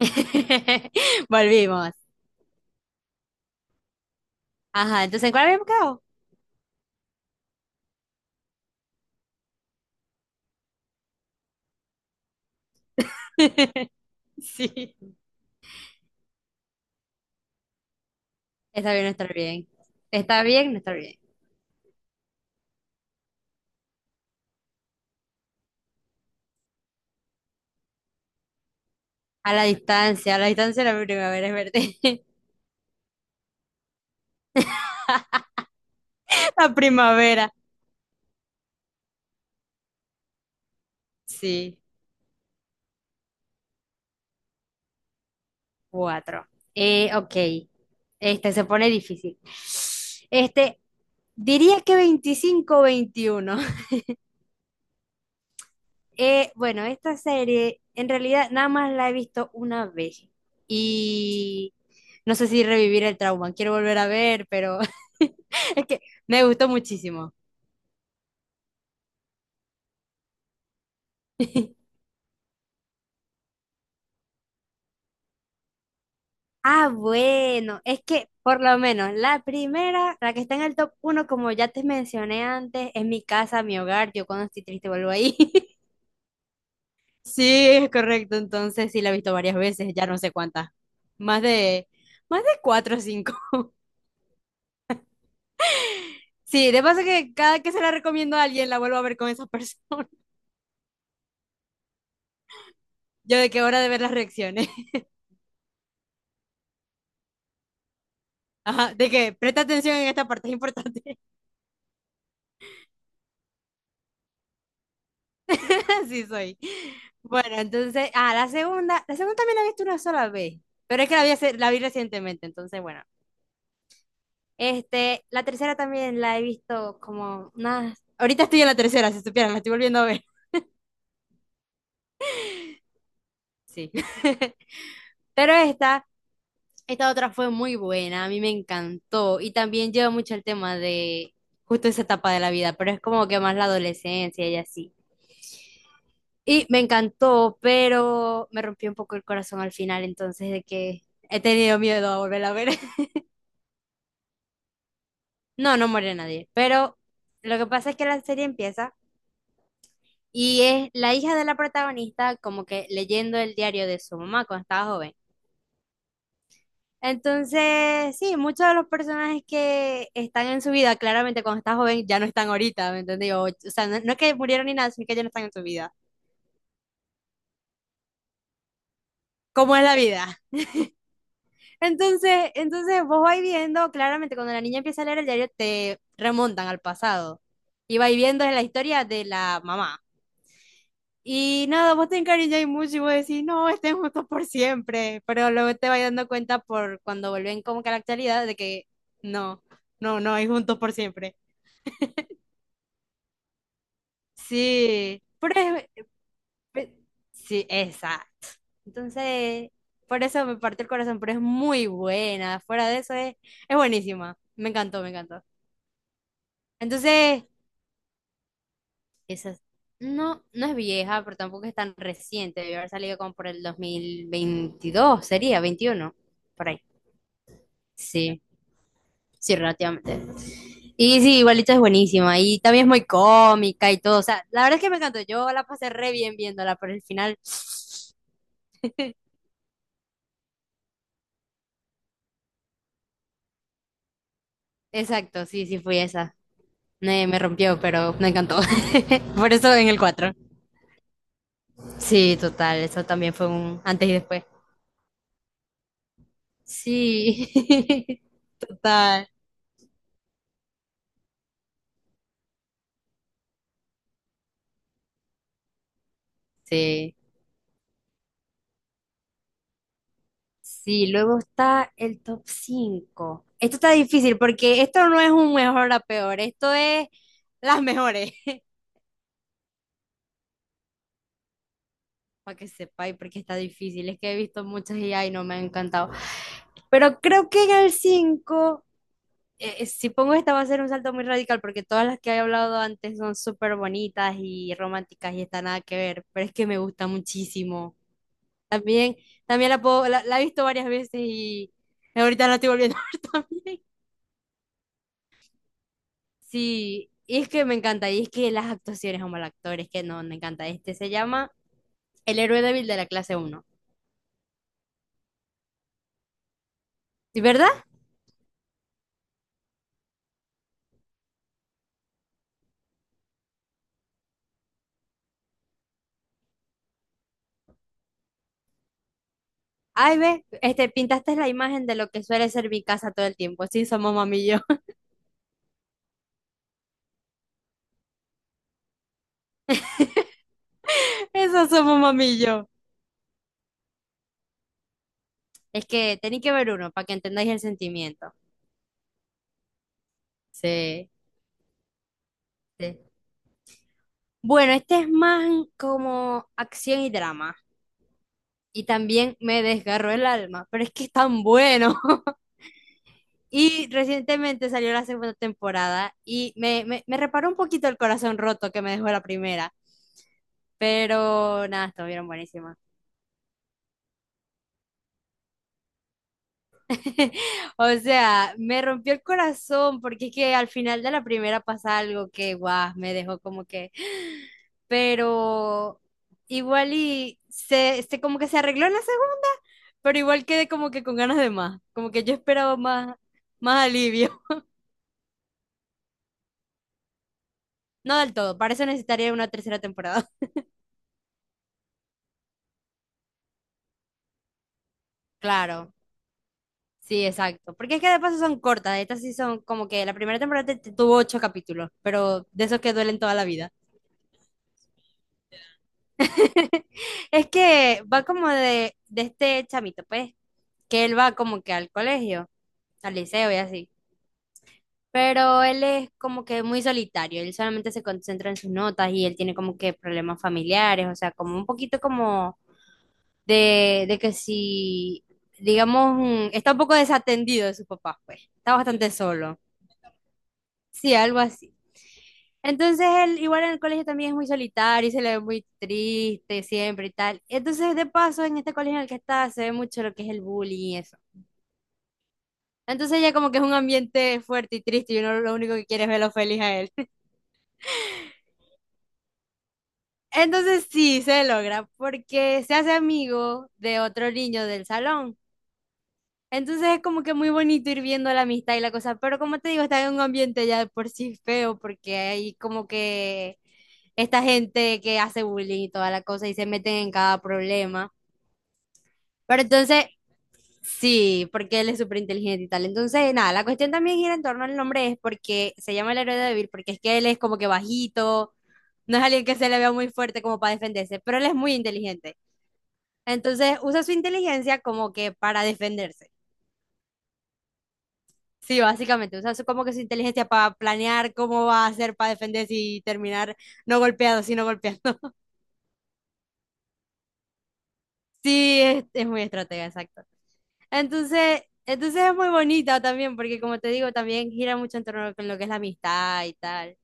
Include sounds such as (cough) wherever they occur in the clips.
(laughs) Volvimos. Ajá, entonces, ¿en cuál habíamos quedado? (laughs) Sí. Está bien, no está bien. Está bien, no está bien. A la distancia la primavera es verde. (laughs) La primavera. Sí, cuatro. Ok. Este se pone difícil. Este, diría que 25, 21. Bueno, esta serie en realidad nada más la he visto una vez y no sé si revivir el trauma, quiero volver a ver, pero (laughs) es que me gustó muchísimo. (laughs) Ah, bueno, es que por lo menos la primera, la que está en el top uno, como ya te mencioné antes, es mi casa, mi hogar, yo cuando estoy triste vuelvo ahí. (laughs) Sí, es correcto, entonces sí la he visto varias veces, ya no sé cuántas, más de, más de cuatro o cinco. Sí, de paso que cada que se la recomiendo a alguien la vuelvo a ver con esa persona. (laughs) Yo de qué hora de ver las reacciones. (laughs) Ajá, de que presta atención en esta parte, es importante. (laughs) Así soy. Bueno, entonces, ah, la segunda también la he visto una sola vez, pero es que la vi, la vi recientemente, entonces, bueno. Este, la tercera también la he visto como unas... Ahorita estoy en la tercera, si supieran, la estoy volviendo a ver. Sí. (laughs) Pero esta Esta otra fue muy buena, a mí me encantó y también lleva mucho el tema de justo esa etapa de la vida, pero es como que más la adolescencia y así. Y me encantó, pero me rompió un poco el corazón al final, entonces de que he tenido miedo a volver a ver. (laughs) No, no muere nadie, pero lo que pasa es que la serie empieza y es la hija de la protagonista como que leyendo el diario de su mamá cuando estaba joven. Entonces, sí, muchos de los personajes que están en su vida, claramente cuando estás joven ya no están ahorita, ¿me entendés? O sea, no, no es que murieron ni nada, sino que ya no están en su vida. ¿Cómo es la vida? (laughs) Entonces vos vais viendo, claramente cuando la niña empieza a leer el diario te remontan al pasado y vais viendo la historia de la mamá. Y nada, vos te encariñas mucho y vos decís, no, estén juntos por siempre, pero luego te vas dando cuenta por cuando vuelven como que a la actualidad de que no, no, no, hay juntos por siempre. Sí, pero es- pe- sí, esa. Entonces, por eso me partió el corazón, pero es muy buena. Fuera de eso es buenísima. Me encantó, me encantó. Entonces, esa es- no, no es vieja, pero tampoco es tan reciente. Debió haber salido como por el 2022, sería 21, por ahí. Sí, sí, relativamente. Y sí, igualito es buenísima. Y también es muy cómica y todo. O sea, la verdad es que me encantó. Yo la pasé re bien viéndola, pero el final... (laughs) Exacto, sí, sí fui esa. Me rompió, pero me encantó. (laughs) Por eso en el 4. Sí, total, eso también fue un antes y después. Sí, (laughs) total. Sí. Sí, luego está el top 5. Esto está difícil porque esto no es un mejor a peor, esto es las mejores. (laughs) Para que sepáis, porque está difícil. Es que he visto muchas y ay, no me han encantado. Pero creo que en el 5 si pongo esta va a ser un salto muy radical porque todas las que he hablado antes son súper bonitas y románticas y está nada que ver, pero es que me gusta muchísimo. También, también la he visto varias veces y ahorita la estoy volviendo (laughs) a ver también. Sí, y es que me encanta, y es que las actuaciones, como el actor, es que no, me encanta. Este se llama El héroe débil de la clase uno. ¿Sí, ¿verdad? Ay, ve, este, pintaste la imagen de lo que suele ser mi casa todo el tiempo. Sí, somos mamillo. (laughs) Eso somos mamillo. Es que tenéis que ver uno para que entendáis el sentimiento. Sí, sí. Bueno, este es más como acción y drama. Y también me desgarró el alma, pero es que es tan bueno. (laughs) Y recientemente salió la segunda temporada y me reparó un poquito el corazón roto que me dejó la primera. Pero nada, estuvieron buenísimas. (laughs) O sea, me rompió el corazón porque es que al final de la primera pasa algo que, guau, me dejó como que... (gasps) Pero igual y se como que se arregló en la segunda, pero igual quedé como que con ganas de más, como que yo esperaba más, más alivio. (laughs) No del todo, para eso necesitaría una tercera temporada. (laughs) Claro, sí, exacto. Porque es que de paso son cortas, estas sí son como que la primera temporada te tuvo ocho capítulos, pero de esos que duelen toda la vida. (laughs) Es que va como de, este chamito, pues, que él va como que al colegio, al liceo y así. Pero él es como que muy solitario, él solamente se concentra en sus notas y él tiene como que problemas familiares, o sea, como un poquito como de que si, digamos, está un poco desatendido de su papá, pues, está bastante solo. Sí, algo así. Entonces él igual en el colegio también es muy solitario y se le ve muy triste siempre y tal. Entonces de paso en este colegio en el que está se ve mucho lo que es el bullying y eso. Entonces ya como que es un ambiente fuerte y triste y uno lo único que quiere es verlo feliz a él. (laughs) Entonces sí, se logra porque se hace amigo de otro niño del salón. Entonces es como que muy bonito ir viendo la amistad y la cosa, pero como te digo, está en un ambiente ya de por sí feo, porque hay como que esta gente que hace bullying y toda la cosa y se meten en cada problema. Pero entonces, sí, porque él es súper inteligente y tal. Entonces, nada, la cuestión también gira en torno al nombre, es porque se llama el héroe débil, porque es que él es como que bajito, no es alguien que se le vea muy fuerte como para defenderse, pero él es muy inteligente. Entonces usa su inteligencia como que para defenderse. Sí, básicamente, o sea, es como que su inteligencia para planear cómo va a hacer para defenderse y terminar no golpeado, sino golpeando. (laughs) Sí, es muy estratega, exacto. Entonces es muy bonita también, porque como te digo, también gira mucho en torno con lo que es la amistad y tal.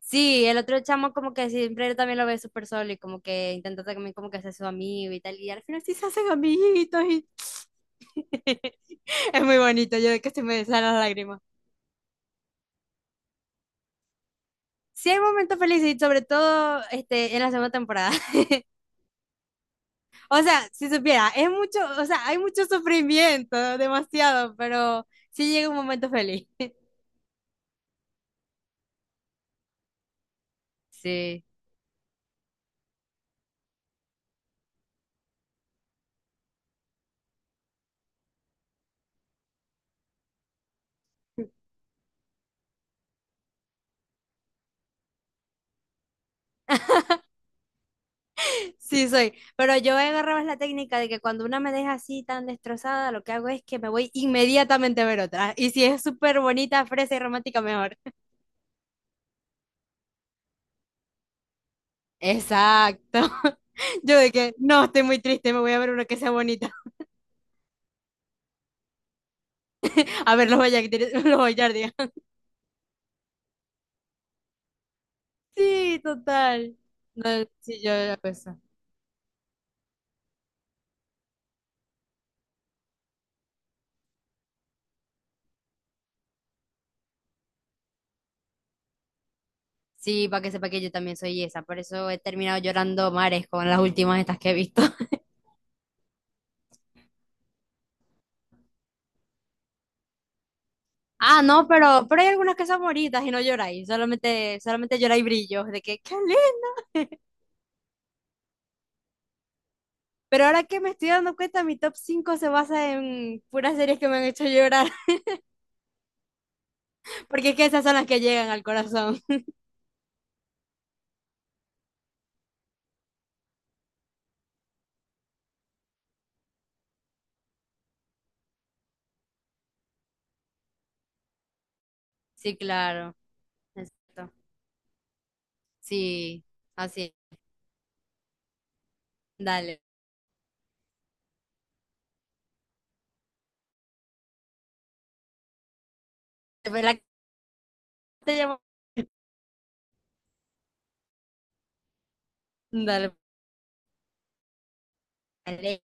Sí, el otro chamo como que siempre también lo ve súper solo y como que intenta también como que ser su amigo y tal, y al final sí se hacen amiguitos y (laughs) es muy bonito, yo de que se me salen las lágrimas. Sí hay momentos felices y sobre todo este, en la segunda temporada. (laughs) O sea, si supiera, es mucho, o sea, hay mucho sufrimiento, demasiado, pero sí llega un momento feliz. (laughs) Sí. Sí, soy. Pero yo he agarrado la técnica de que cuando una me deja así tan destrozada, lo que hago es que me voy inmediatamente a ver otra. Y si es súper bonita, fresa y romántica, mejor. Exacto. (laughs) Yo de que no, estoy muy triste, me voy a ver una que sea bonita. A ver, los (laughs) los Bayardia. Sí, total. No, sí, yo la cosa. Sí, para que sepa que yo también soy esa, por eso he terminado llorando mares con las últimas estas que he visto. (laughs) Ah, no, pero hay algunas que son bonitas y no lloráis, solamente, solamente lloráis brillos, de que, ¡qué le (laughs) Pero ahora que me estoy dando cuenta, mi top 5 se basa en puras series que me han hecho llorar, (laughs) porque es que esas son las que llegan al corazón. (laughs) Sí, claro, exacto. Sí, así, dale. Te- la- que te llamo- Dale.